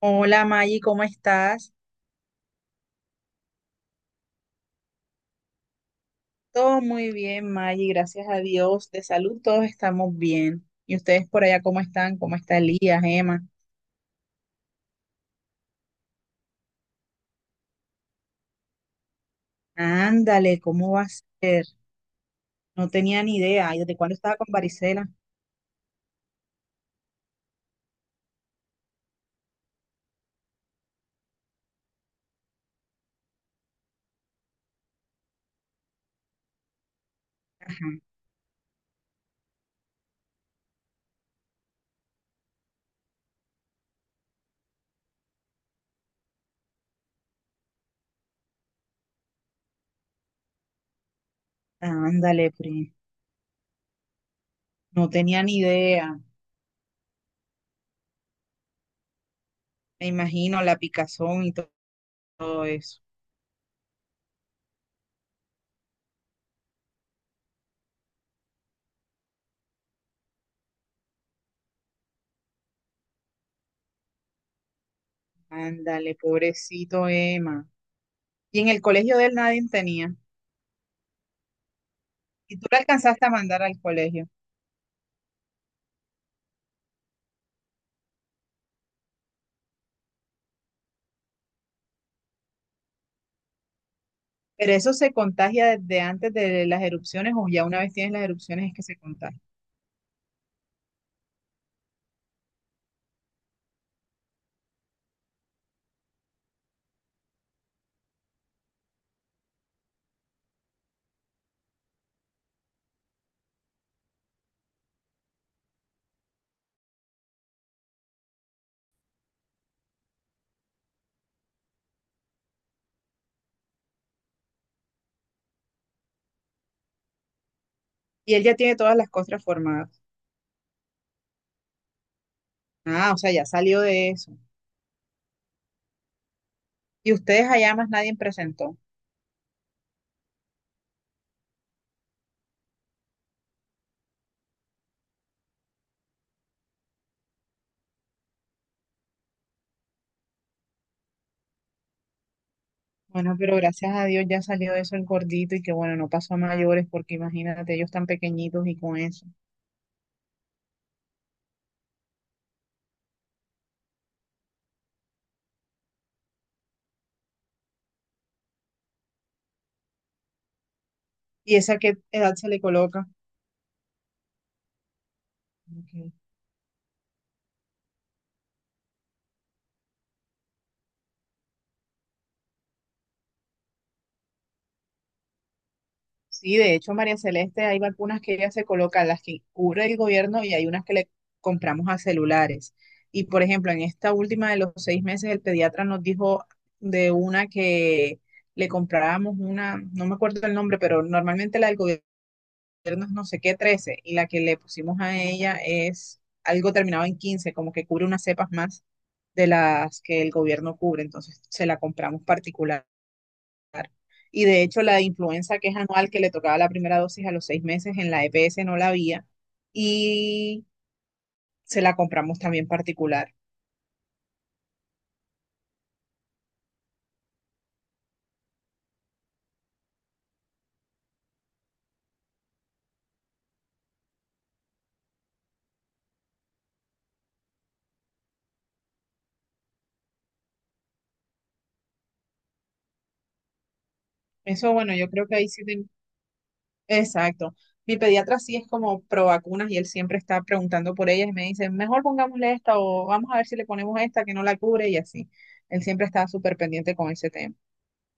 Hola, Maggie, ¿cómo estás? Todo muy bien, Maggie, gracias a Dios. De salud todos estamos bien. ¿Y ustedes por allá cómo están? ¿Cómo está Elías, Emma? Ándale, ¿cómo va a ser? No tenía ni idea. Ay, ¿desde cuándo estaba con varicela? Ajá. Ándale, pri. No tenía ni idea. Me imagino la picazón y todo eso. Ándale, pobrecito Emma. Y en el colegio de él nadie tenía. ¿Y tú la alcanzaste a mandar al colegio? Pero eso se contagia desde antes de las erupciones o ya una vez tienes las erupciones es que se contagia. Y él ya tiene todas las costras formadas. Ah, o sea, ya salió de eso. Y ustedes allá más nadie presentó. Bueno, pero gracias a Dios ya salió de eso el gordito y que bueno, no pasó a mayores porque imagínate, ellos tan pequeñitos y con eso. ¿Y esa qué edad se le coloca? Ok. Sí, de hecho, María Celeste, hay vacunas que ella se colocan, las que cubre el gobierno y hay unas que le compramos a celulares. Y por ejemplo, en esta última de los seis meses, el pediatra nos dijo de una que le comprábamos una, no me acuerdo el nombre, pero normalmente la del gobierno es no sé qué, 13, y la que le pusimos a ella es algo terminado en 15, como que cubre unas cepas más de las que el gobierno cubre. Entonces, se la compramos particular y de hecho, la influenza que es anual, que le tocaba la primera dosis a los seis meses, en la EPS no la había. Y se la compramos también particular. Eso, bueno, yo creo que ahí sí. Exacto. Mi pediatra sí es como pro vacunas y él siempre está preguntando por ellas y me dice, mejor pongámosle esta o vamos a ver si le ponemos esta que no la cubre y así. Él siempre está súper pendiente con ese tema.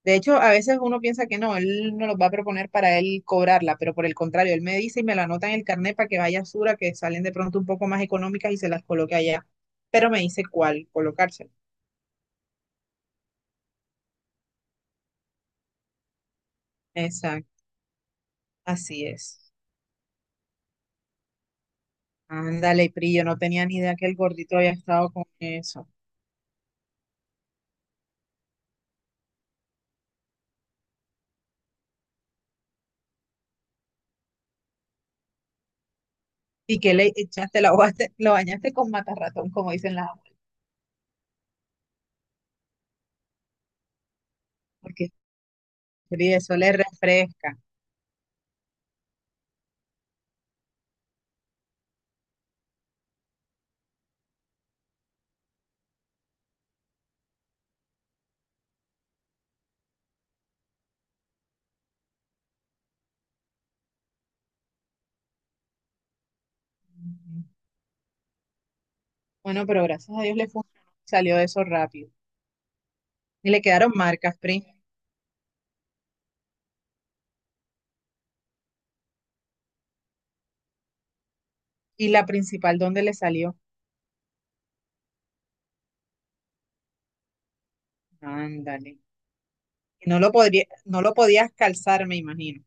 De hecho, a veces uno piensa que no, él no los va a proponer para él cobrarla, pero por el contrario, él me dice y me la anota en el carnet para que vaya a Sura, que salen de pronto un poco más económicas y se las coloque allá. Pero me dice cuál colocársela. Exacto, así es. Ándale, Pri, yo no tenía ni idea que el gordito había estado con eso. Y que le echaste, lo bañaste con matarratón, como dicen las abuelas, porque, Pri, eso le refresca. Ujú. Bueno, pero gracias a Dios le funcionó, salió de eso rápido. Y le quedaron marcas, Pri. Y la principal, ¿dónde le salió? Ándale. Y no lo podías calzar, me imagino.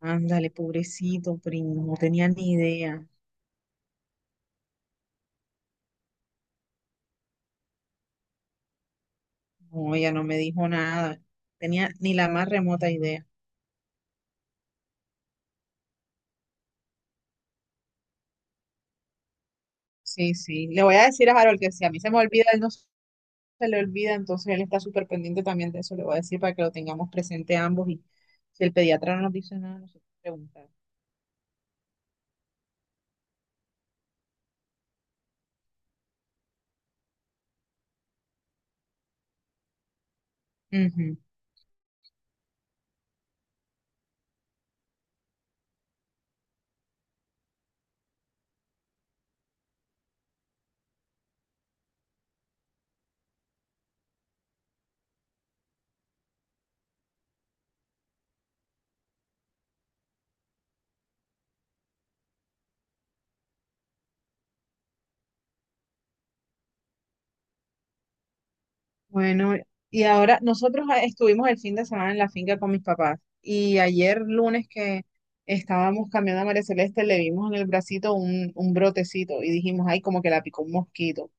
Ándale, pobrecito, primo, no tenía ni idea. No, ella no me dijo nada. Tenía ni la más remota idea. Sí, sí. Le voy a decir a Harold que si a mí se me olvida, él no se le olvida, entonces él está súper pendiente también de eso. Le voy a decir para que lo tengamos presente ambos y si el pediatra no nos dice nada, nosotros preguntamos. Bueno, y ahora nosotros estuvimos el fin de semana en la finca con mis papás y ayer lunes que estábamos cambiando a María Celeste le vimos en el bracito un brotecito y dijimos, ay, como que la picó un mosquito.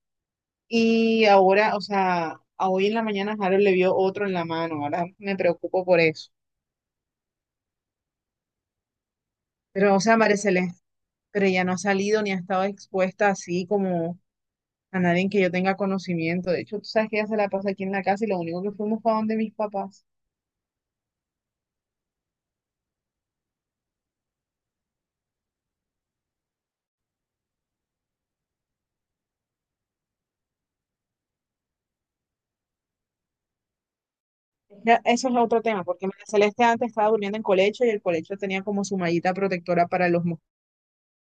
Y ahora, o sea, a hoy en la mañana Harold le vio otro en la mano, ahora me preocupo por eso. Pero, o sea, María Celeste, pero ya no ha salido ni ha estado expuesta así como a nadie que yo tenga conocimiento. De hecho, tú sabes que ella se la pasa aquí en la casa y lo único que fuimos fue a donde mis papás. Ya, eso es otro tema, porque María Celeste antes estaba durmiendo en colecho y el colecho tenía como su mallita protectora para los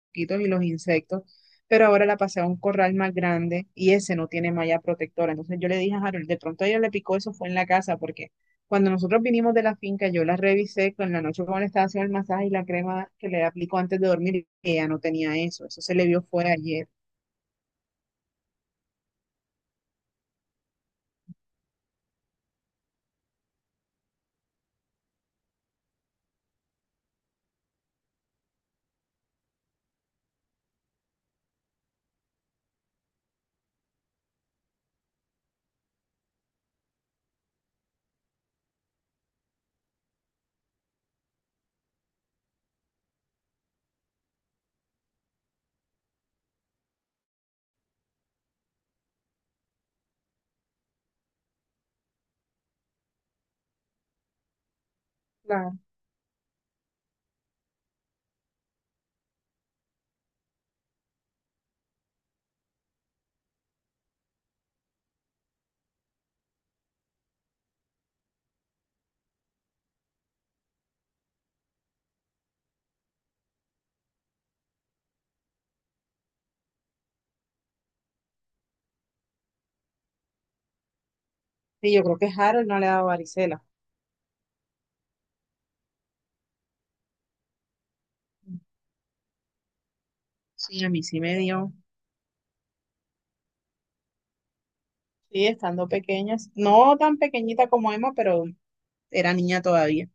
mosquitos y los insectos, pero ahora la pasé a un corral más grande y ese no tiene malla protectora. Entonces yo le dije a Harold, de pronto a ella le picó eso, fue en la casa, porque cuando nosotros vinimos de la finca, yo la revisé con la noche cuando le estaba haciendo el masaje y la crema que le aplicó antes de dormir y ella no tenía eso. Eso se le vio fue ayer. Claro. Y yo creo que Harold no le ha dado varicela. Sí, a mí sí me dio. Sí, estando pequeñas. No tan pequeñita como Emma, pero era niña todavía.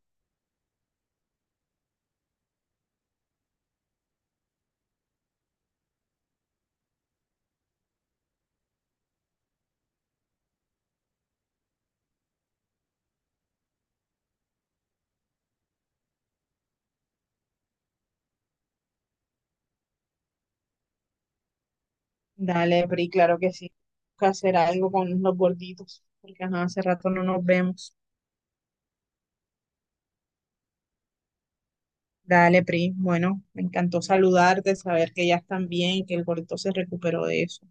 Dale, Pri, claro que sí. Toca hacer algo con los gorditos, porque ajá, hace rato no nos vemos. Dale, Pri. Bueno, me encantó saludarte, saber que ya están bien, que el gordito se recuperó de eso.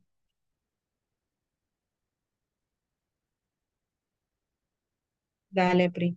Dale, Pri.